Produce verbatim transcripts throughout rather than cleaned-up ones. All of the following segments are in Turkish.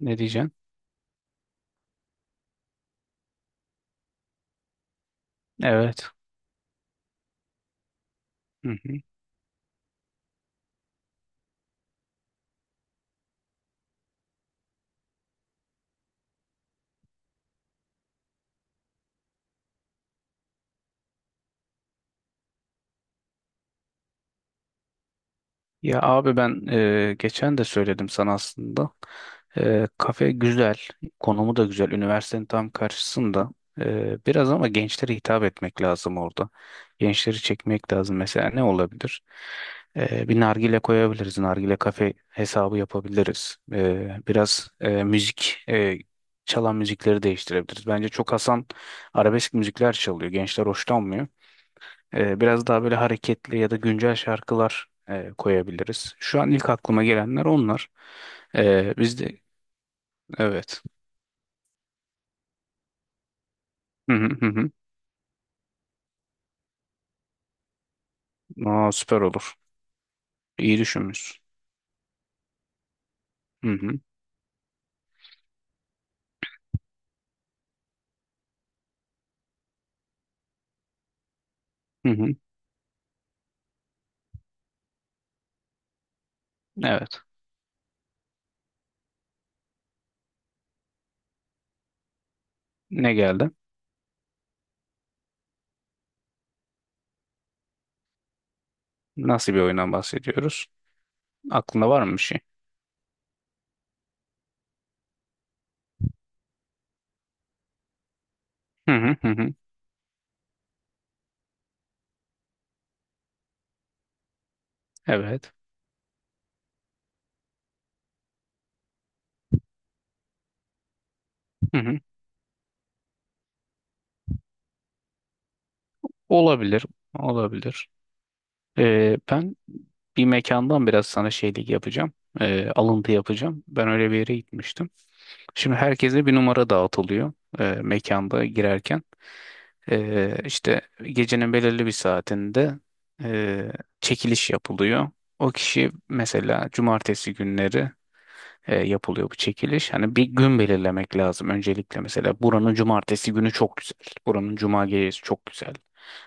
Ne diyeceksin? Evet. Hı hı. Ya abi ben e, geçen de söyledim sana aslında. E, kafe güzel, konumu da güzel. Üniversitenin tam karşısında. E, biraz ama gençlere hitap etmek lazım orada. Gençleri çekmek lazım. Mesela ne olabilir? E, bir nargile koyabiliriz. Nargile kafe hesabı yapabiliriz. E, biraz e, müzik, e, çalan müzikleri değiştirebiliriz. Bence çok Hasan arabesk müzikler çalıyor. Gençler hoşlanmıyor. Ee, biraz daha böyle hareketli ya da güncel şarkılar e, koyabiliriz. Şu an ilk aklıma gelenler onlar. Ee, biz de evet. Hı hı hı hı. Aa, süper olur. İyi düşünmüşsün. Hı hı hı hı. Evet. Ne geldi? Nasıl bir oyundan bahsediyoruz? Aklında var mı bir şey? Hı hı hı hı. Evet. Hı hı. Olabilir. Olabilir. Ee, ben bir mekandan biraz sana şeylik yapacağım. Ee, alıntı yapacağım. Ben öyle bir yere gitmiştim. Şimdi herkese bir numara dağıtılıyor e, mekanda girerken. E, işte gecenin belirli bir saatinde e, çekiliş yapılıyor. O kişi mesela cumartesi günleri e, yapılıyor bu çekiliş. Hani bir gün belirlemek lazım öncelikle, mesela buranın cumartesi günü çok güzel. Buranın cuma gecesi çok güzel.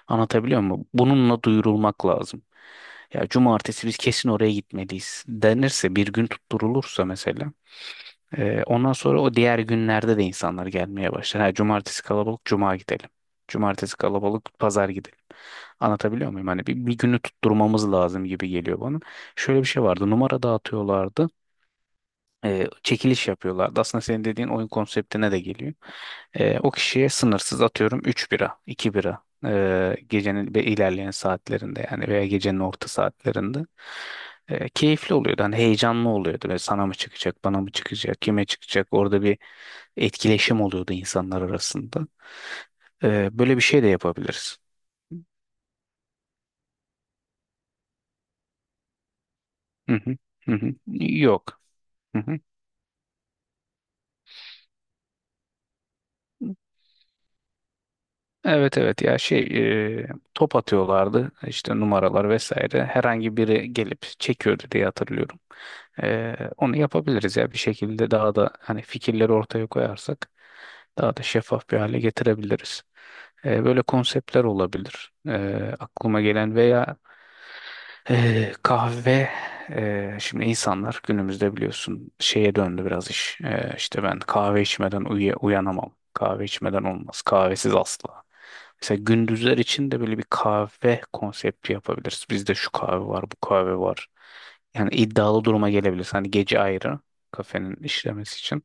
Anlatabiliyor muyum? Bununla duyurulmak lazım. Ya cumartesi biz kesin oraya gitmeliyiz denirse, bir gün tutturulursa mesela, ee, ondan sonra o diğer günlerde de insanlar gelmeye başlar. Ha, cumartesi kalabalık, cuma gidelim. Cumartesi kalabalık, pazar gidelim. Anlatabiliyor muyum? Hani bir, bir günü tutturmamız lazım gibi geliyor bana. Şöyle bir şey vardı. Numara dağıtıyorlardı, e, çekiliş yapıyorlardı. Aslında senin dediğin oyun konseptine de geliyor. E, o kişiye sınırsız atıyorum üç bira, iki bira e, gecenin ve ilerleyen saatlerinde, yani veya gecenin orta saatlerinde. E, keyifli oluyordu. Hani heyecanlı oluyordu. Ve sana mı çıkacak, bana mı çıkacak, kime çıkacak? Orada bir etkileşim oluyordu insanlar arasında. E, böyle bir şey de yapabiliriz. Hı hı, hı hı. Yok. Hı hı. Evet, evet, ya şey e, top atıyorlardı işte, numaralar vesaire, herhangi biri gelip çekiyordu diye hatırlıyorum. E, onu yapabiliriz ya, bir şekilde daha da hani fikirleri ortaya koyarsak daha da şeffaf bir hale getirebiliriz. E, böyle konseptler olabilir, e, aklıma gelen veya ee, kahve. E, şimdi insanlar günümüzde biliyorsun şeye döndü biraz iş. Ee, işte ben kahve içmeden uya- uyanamam. Kahve içmeden olmaz. Kahvesiz asla. Mesela gündüzler için de böyle bir kahve konsepti yapabiliriz. Bizde şu kahve var, bu kahve var. Yani iddialı duruma gelebiliriz. Hani gece ayrı kafenin işlemesi için.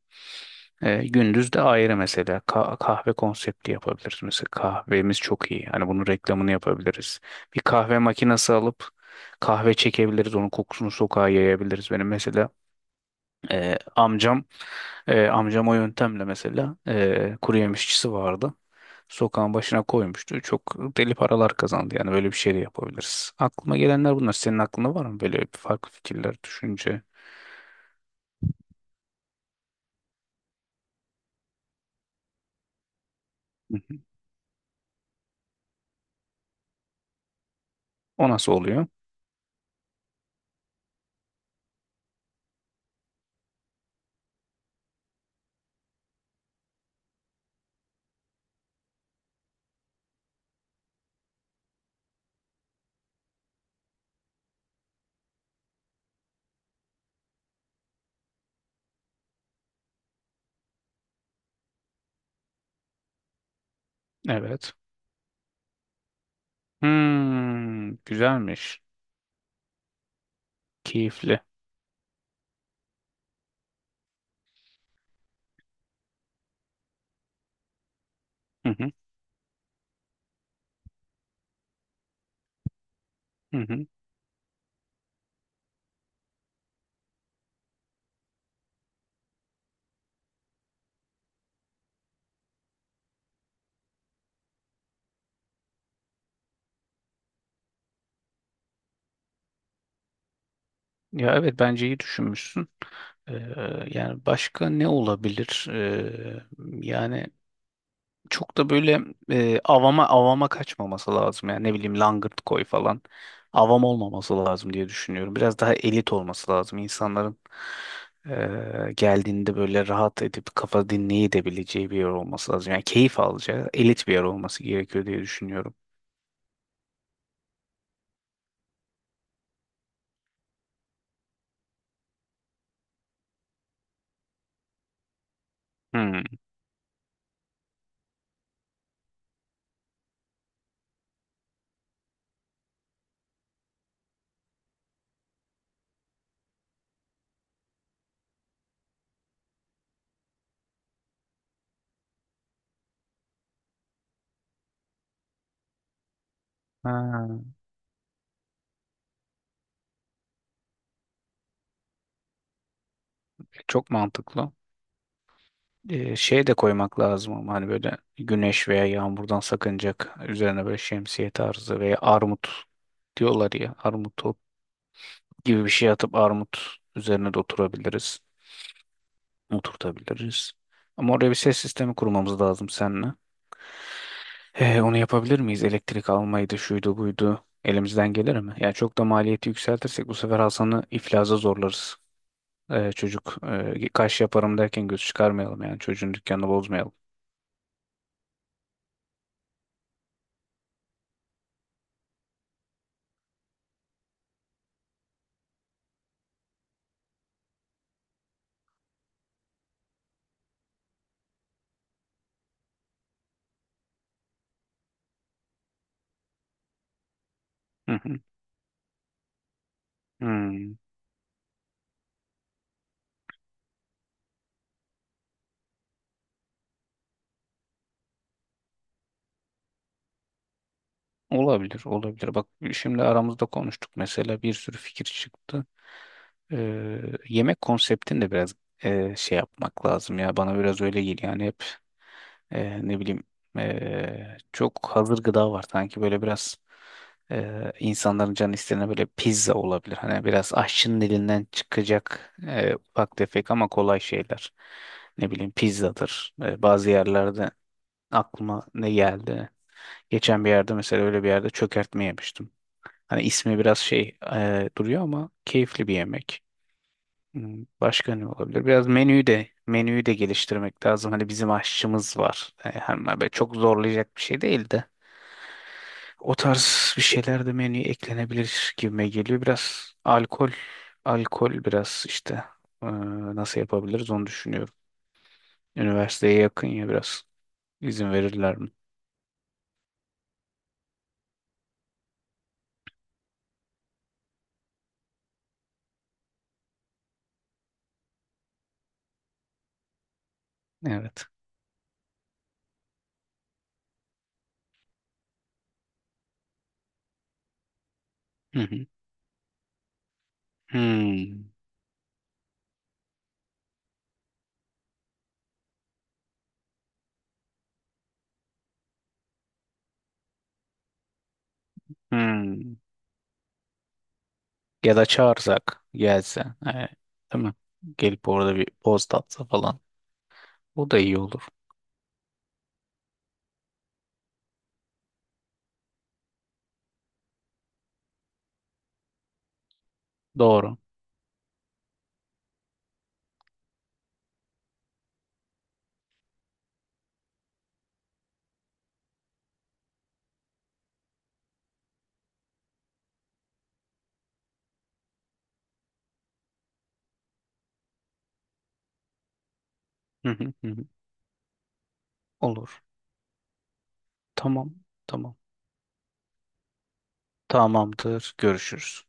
Ee, gündüz de ayrı, mesela Ka- kahve konsepti yapabiliriz. Mesela kahvemiz çok iyi. Hani bunun reklamını yapabiliriz. Bir kahve makinesi alıp kahve çekebiliriz. Onun kokusunu sokağa yayabiliriz. Benim mesela e, amcam, e, amcam o yöntemle, mesela, e, kuru yemişçisi vardı. Sokağın başına koymuştu. Çok deli paralar kazandı. Yani böyle bir şey de yapabiliriz. Aklıma gelenler bunlar. Senin aklında var mı böyle bir farklı fikirler, düşünce? Hı hı. O nasıl oluyor? Evet. Hmm, güzelmiş. Keyifli. Hı hı, hı hı. Ya evet, bence iyi düşünmüşsün. Ee, Yani başka ne olabilir? Ee, yani çok da böyle e, avama avama kaçmaması lazım, yani ne bileyim langırt koy falan, avam olmaması lazım diye düşünüyorum. Biraz daha elit olması lazım, insanların e, geldiğinde böyle rahat edip kafa dinleyebileceği bir yer olması lazım. Yani keyif alacağı elit bir yer olması gerekiyor diye düşünüyorum. Hmm. Ha, çok mantıklı. Ee, şey de koymak lazım ama, hani böyle güneş veya yağmurdan sakınacak üzerine, böyle şemsiye tarzı veya armut diyorlar ya, armut gibi bir şey atıp armut üzerine de oturabiliriz. Oturtabiliriz. Ama oraya bir ses sistemi kurmamız lazım seninle. He, onu yapabilir miyiz? Elektrik almaydı, şuydu, buydu. Elimizden gelir mi? Yani çok da maliyeti yükseltirsek bu sefer Hasan'ı iflaza zorlarız. Ee, çocuk, e, kaş yaparım derken göz çıkarmayalım, yani çocuğun dükkanını bozmayalım. Hı hı. Hmm. Olabilir, olabilir. Bak, şimdi aramızda konuştuk, mesela bir sürü fikir çıktı. Ee, Yemek konseptini de biraz e, şey yapmak lazım ya, bana biraz öyle geliyor, yani hep e, ne bileyim, e, çok hazır gıda var sanki, böyle biraz e, insanların canı istediğine böyle pizza olabilir, hani biraz aşçının elinden çıkacak e, ufak tefek ama kolay şeyler, ne bileyim pizzadır. E, bazı yerlerde, aklıma ne geldi, geçen bir yerde, mesela öyle bir yerde çökertme yemiştim, hani ismi biraz şey e, duruyor ama keyifli bir yemek. Hmm. Başka ne olabilir? Biraz menüyü de menüyü de geliştirmek lazım. Hani bizim aşçımız var. E, hem böyle çok zorlayacak bir şey değil de, o tarz bir şeyler de menüye eklenebilir gibime geliyor. Biraz alkol, alkol biraz işte e, nasıl yapabiliriz onu düşünüyorum. Üniversiteye yakın ya, biraz izin verirler mi? Evet. Hı hı. Hmm. Hmm. Ya da çağırsak gelse. E, değil mi? Gelip orada bir poz tatsa falan. Bu da iyi olur. Doğru. Hı hı hı hı. Olur. Tamam. Tamam. Tamamdır. Görüşürüz.